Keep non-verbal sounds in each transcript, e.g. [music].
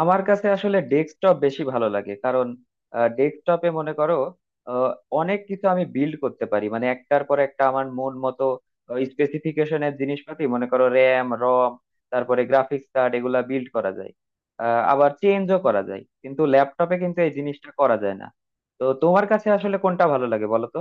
আমার কাছে আসলে ডেস্কটপ বেশি ভালো লাগে, কারণ ডেস্কটপে মনে করো আহ, অনেক কিছু আমি বিল্ড করতে পারি। মানে একটার পর একটা আমার মন মতো স্পেসিফিকেশনের জিনিসপাতি, মনে করো র্যাম, রম, তারপরে গ্রাফিক্স কার্ড, এগুলা বিল্ড করা যায়, আবার চেঞ্জও করা যায়। কিন্তু ল্যাপটপে কিন্তু এই জিনিসটা করা যায় না। তো তোমার কাছে আসলে কোনটা ভালো লাগে, বলো তো?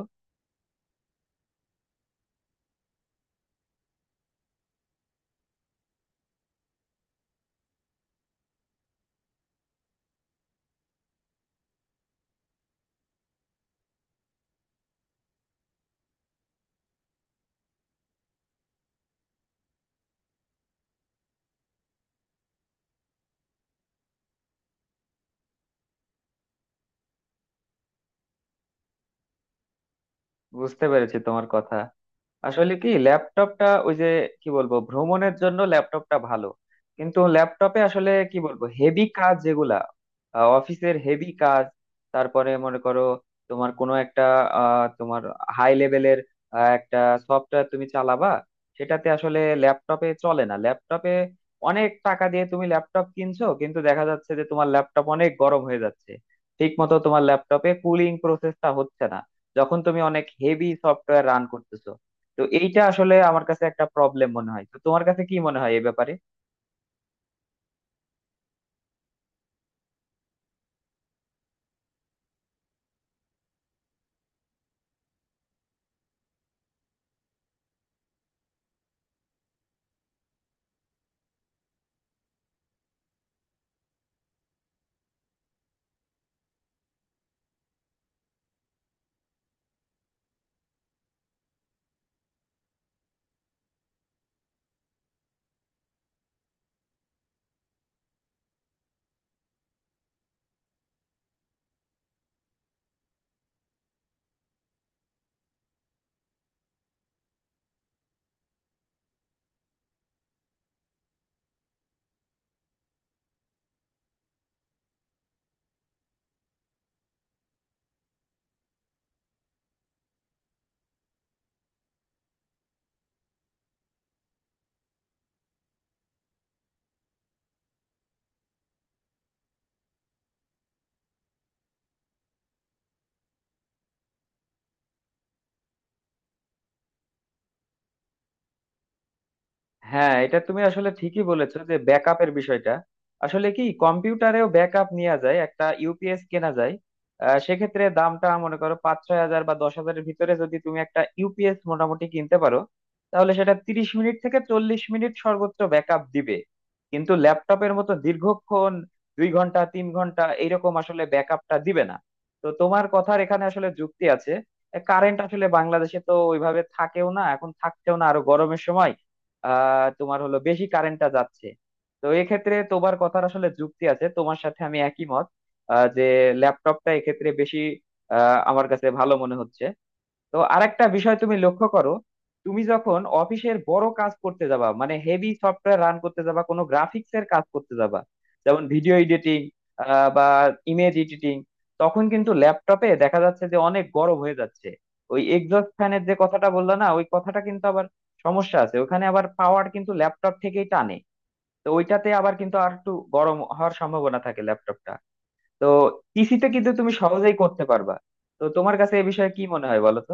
বুঝতে পেরেছি তোমার কথা। আসলে কি ল্যাপটপটা ওই যে, কি বলবো, ভ্রমণের জন্য ল্যাপটপটা ভালো। কিন্তু ল্যাপটপে আসলে কি বলবো, হেভি কাজ যেগুলা, অফিসের হেভি কাজ, তারপরে মনে করো তোমার কোনো একটা তোমার হাই লেভেলের একটা সফটওয়্যার তুমি চালাবা, সেটাতে আসলে ল্যাপটপে চলে না। ল্যাপটপে অনেক টাকা দিয়ে তুমি ল্যাপটপ কিনছো, কিন্তু দেখা যাচ্ছে যে তোমার ল্যাপটপ অনেক গরম হয়ে যাচ্ছে, ঠিক মতো তোমার ল্যাপটপে কুলিং প্রসেসটা হচ্ছে না, যখন তুমি অনেক হেভি সফটওয়্যার রান করতেছো। তো এইটা আসলে আমার কাছে একটা প্রবলেম মনে হয়। তো তোমার কাছে কি মনে হয় এই ব্যাপারে? হ্যাঁ, এটা তুমি আসলে ঠিকই বলেছো যে ব্যাকআপের বিষয়টা। আসলে কি কম্পিউটারেও ব্যাকআপ নেওয়া যায়, একটা ইউপিএস কেনা যায়। সেক্ষেত্রে দামটা মনে করো 5-6 হাজার বা 10 হাজারের ভিতরে যদি তুমি একটা ইউপিএস মোটামুটি কিনতে পারো, তাহলে সেটা 30 মিনিট থেকে 40 মিনিট সর্বোচ্চ ব্যাকআপ দিবে। কিন্তু ল্যাপটপের মতো দীর্ঘক্ষণ, 2 ঘন্টা 3 ঘন্টা এইরকম আসলে ব্যাকআপটা দিবে না। তো তোমার কথার এখানে আসলে যুক্তি আছে। কারেন্ট আসলে বাংলাদেশে তো ওইভাবে থাকেও না, এখন থাকছেও না, আরো গরমের সময় তোমার হলো বেশি কারেন্টটা যাচ্ছে। তো এক্ষেত্রে তোমার কথার আসলে যুক্তি আছে, তোমার সাথে আমি একই মত, যে ল্যাপটপটা এক্ষেত্রে বেশি আমার কাছে ভালো মনে হচ্ছে। তো আরেকটা বিষয় তুমি লক্ষ্য করো। তুমি যখন অফিসের বড় কাজ করতে যাবা, মানে হেভি সফটওয়্যার রান করতে যাবা, কোনো গ্রাফিক্স এর কাজ করতে যাবা, যেমন ভিডিও এডিটিং বা ইমেজ এডিটিং, তখন কিন্তু ল্যাপটপে দেখা যাচ্ছে যে অনেক গরম হয়ে যাচ্ছে। ওই এক্সস্ট ফ্যানের যে কথাটা বললা না, ওই কথাটা কিন্তু আবার সমস্যা আছে। ওখানে আবার পাওয়ার কিন্তু ল্যাপটপ থেকেই টানে, তো ওইটাতে আবার কিন্তু আর একটু গরম হওয়ার সম্ভাবনা থাকে ল্যাপটপটা। তো পিসিতে কিন্তু তুমি সহজেই করতে পারবা। তো তোমার কাছে এ বিষয়ে কি মনে হয়, বলো তো?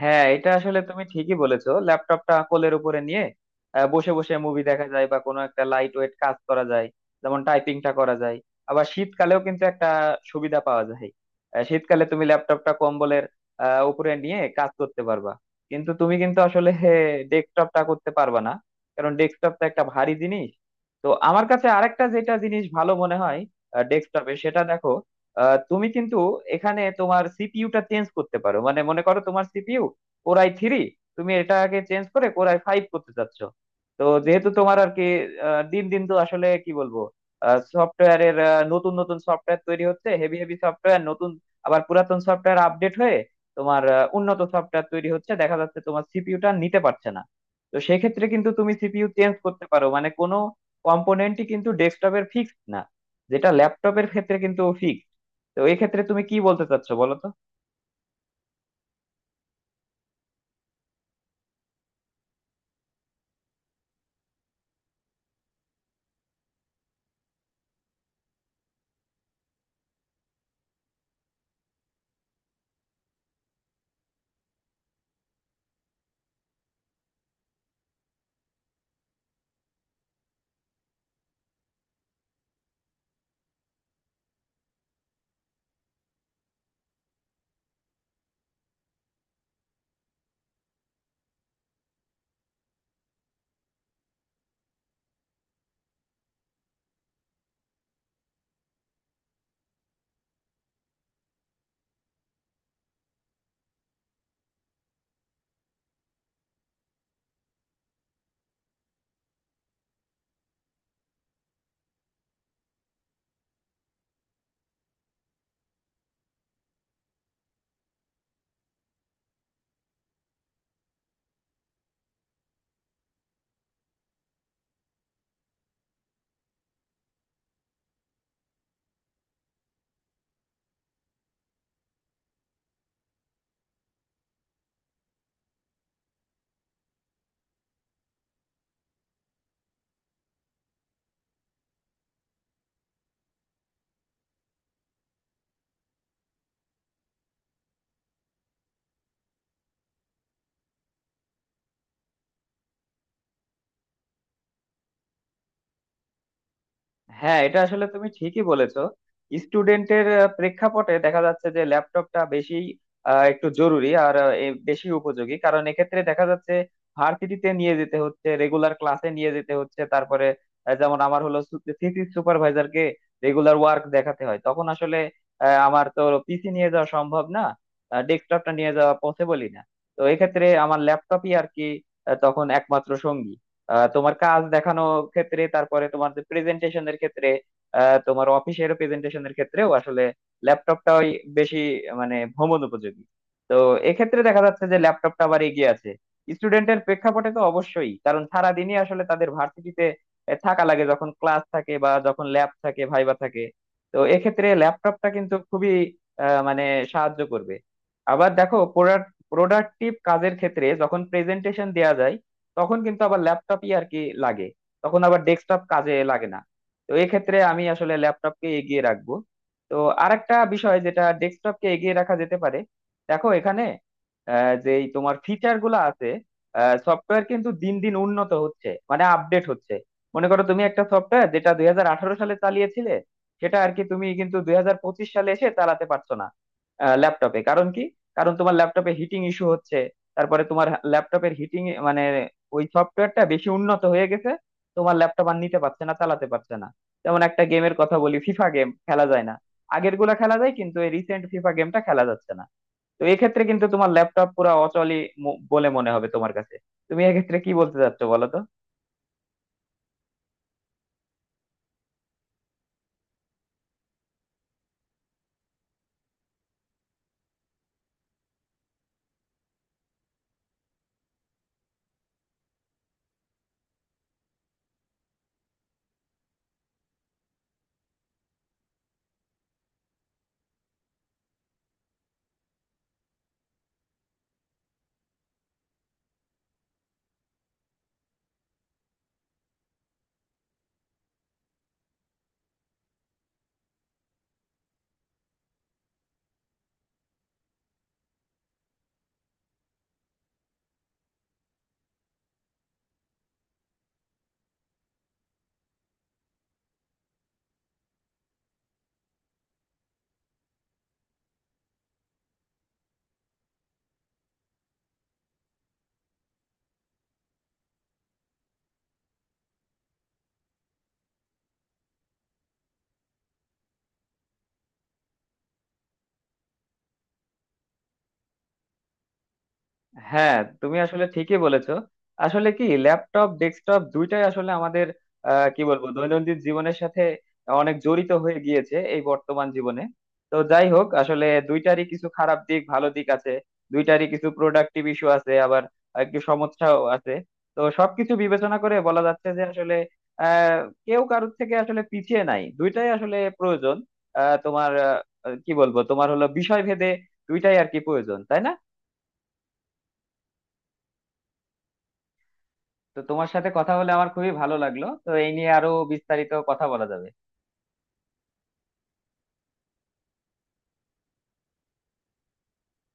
হ্যাঁ, এটা আসলে তুমি ঠিকই বলেছো, ল্যাপটপটা কোলের উপরে নিয়ে বসে বসে মুভি দেখা যায়, বা কোনো একটা লাইট ওয়েট কাজ করা যায়, যেমন টাইপিংটা করা যায়। আবার শীতকালেও কিন্তু একটা সুবিধা পাওয়া যায়। শীতকালে তুমি ল্যাপটপটা কম্বলের উপরে নিয়ে কাজ করতে পারবা। কিন্তু তুমি কিন্তু আসলে [laughs] ডেস্কটপটা করতে পারবা না, কারণ ডেস্কটপটা একটা ভারী জিনিস। তো আমার কাছে আরেকটা যেটা জিনিস ভালো মনে হয় ডেস্কটপে, সেটা দেখো। তুমি কিন্তু এখানে তোমার সিপিইউটা চেঞ্জ করতে পারো, মানে মনে করো তোমার সিপিইউ কোরাই থ্রি, তুমি এটাকে চেঞ্জ করে কোরাই ফাইভ করতে চাচ্ছ। তো যেহেতু তোমার আর কি দিন দিন তো আসলে কি বলবো, সফটওয়্যারের নতুন নতুন সফটওয়্যার তৈরি হচ্ছে, হেভি হেভি সফটওয়্যার নতুন, আবার পুরাতন সফটওয়্যার আপডেট হয়ে তোমার উন্নত সফটওয়্যার তৈরি হচ্ছে, দেখা যাচ্ছে তোমার সিপিইউটা নিতে পারছে না। তো সেক্ষেত্রে কিন্তু তুমি সিপিইউ চেঞ্জ করতে পারো, মানে কোনো কম্পোনেন্টই কিন্তু ডেস্কটপের ফিক্সড না, যেটা ল্যাপটপের ক্ষেত্রে কিন্তু ফিক্সড। তো এই ক্ষেত্রে তুমি কি বলতে চাচ্ছ, বলো তো? হ্যাঁ, এটা আসলে তুমি ঠিকই বলেছো। স্টুডেন্টের প্রেক্ষাপটে দেখা যাচ্ছে যে ল্যাপটপটা বেশি একটু জরুরি আর এ বেশি উপযোগী, কারণ এক্ষেত্রে দেখা যাচ্ছে ভার্সিটিতে নিয়ে যেতে হচ্ছে, রেগুলার ক্লাসে নিয়ে যেতে হচ্ছে, তারপরে যেমন আমার হলো থিসিস সুপারভাইজারকে রেগুলার ওয়ার্ক দেখাতে হয়, তখন আসলে আমার তো পিসি নিয়ে যাওয়া সম্ভব না, ডেস্কটপটা নিয়ে যাওয়া পসিবলই না। তো এক্ষেত্রে আমার ল্যাপটপই আর কি তখন একমাত্র সঙ্গী। তোমার কাজ দেখানোর ক্ষেত্রে, তারপরে তোমার যে প্রেজেন্টেশনের ক্ষেত্রে, তোমার অফিসের প্রেজেন্টেশনের ক্ষেত্রেও আসলে ল্যাপটপটাই বেশি, মানে ভ্রমণ উপযোগী। তো এক্ষেত্রে দেখা যাচ্ছে যে ল্যাপটপটা আবার এগিয়ে আছে। স্টুডেন্টের প্রেক্ষাপটে তো অবশ্যই, কারণ সারাদিনই আসলে তাদের ভার্সিটিতে থাকা লাগে, যখন ক্লাস থাকে বা যখন ল্যাব থাকে, ভাইবা থাকে। তো এক্ষেত্রে ল্যাপটপটা কিন্তু খুবই মানে সাহায্য করবে। আবার দেখো, প্রোডাক্টিভ কাজের ক্ষেত্রে যখন প্রেজেন্টেশন দেয়া যায়, তখন কিন্তু আবার ল্যাপটপই আর কি লাগে। তখন আবার ডেস্কটপ কাজে লাগে না। তো এক্ষেত্রে আমি আসলে ল্যাপটপকে এগিয়ে রাখবো। তো আরেকটা বিষয় যেটা ডেস্কটপকে এগিয়ে রাখা যেতে পারে, দেখো এখানে যে এই তোমার ফিচার গুলো আছে, সফটওয়্যার কিন্তু দিন দিন উন্নত হচ্ছে মানে আপডেট হচ্ছে। মনে করো তুমি একটা সফটওয়্যার যেটা 2018 সালে চালিয়েছিলে, সেটা আর কি তুমি কিন্তু 2025 সালে এসে চালাতে পারছো না ল্যাপটপে, কারণ কি? কারণ তোমার ল্যাপটপে হিটিং ইস্যু হচ্ছে। তারপরে তোমার ল্যাপটপের হিটিং, মানে ওই সফটওয়্যারটা বেশি উন্নত হয়ে গেছে, তোমার ল্যাপটপ আর নিতে পারছে না, চালাতে পারছে না। যেমন একটা গেমের কথা বলি, ফিফা গেম খেলা যায় না, আগের গুলা খেলা যায় কিন্তু এই রিসেন্ট ফিফা গেমটা খেলা যাচ্ছে না। তো এক্ষেত্রে কিন্তু তোমার ল্যাপটপ পুরো অচলই বলে মনে হবে তোমার কাছে। তুমি এক্ষেত্রে কি বলতে চাচ্ছো, বলো তো? হ্যাঁ, তুমি আসলে ঠিকই বলেছো। আসলে কি ল্যাপটপ ডেস্কটপ দুইটাই আসলে আমাদের কি বলবো দৈনন্দিন জীবনের সাথে অনেক জড়িত হয়ে গিয়েছে এই বর্তমান জীবনে। তো যাই হোক, আসলে দুইটারই কিছু খারাপ দিক ভালো দিক আছে, দুইটারই কিছু প্রোডাক্টিভ ইস্যু আছে, আবার একটু সমস্যাও আছে। তো সবকিছু বিবেচনা করে বলা যাচ্ছে যে আসলে আহ কেউ কারোর থেকে আসলে পিছিয়ে নাই, দুইটাই আসলে প্রয়োজন। তোমার কি বলবো, তোমার হলো বিষয় ভেদে দুইটাই আর কি প্রয়োজন, তাই না? তো তোমার সাথে কথা বলে আমার খুবই ভালো লাগলো। তো এই নিয়ে আরো বিস্তারিত কথা বলা যাবে।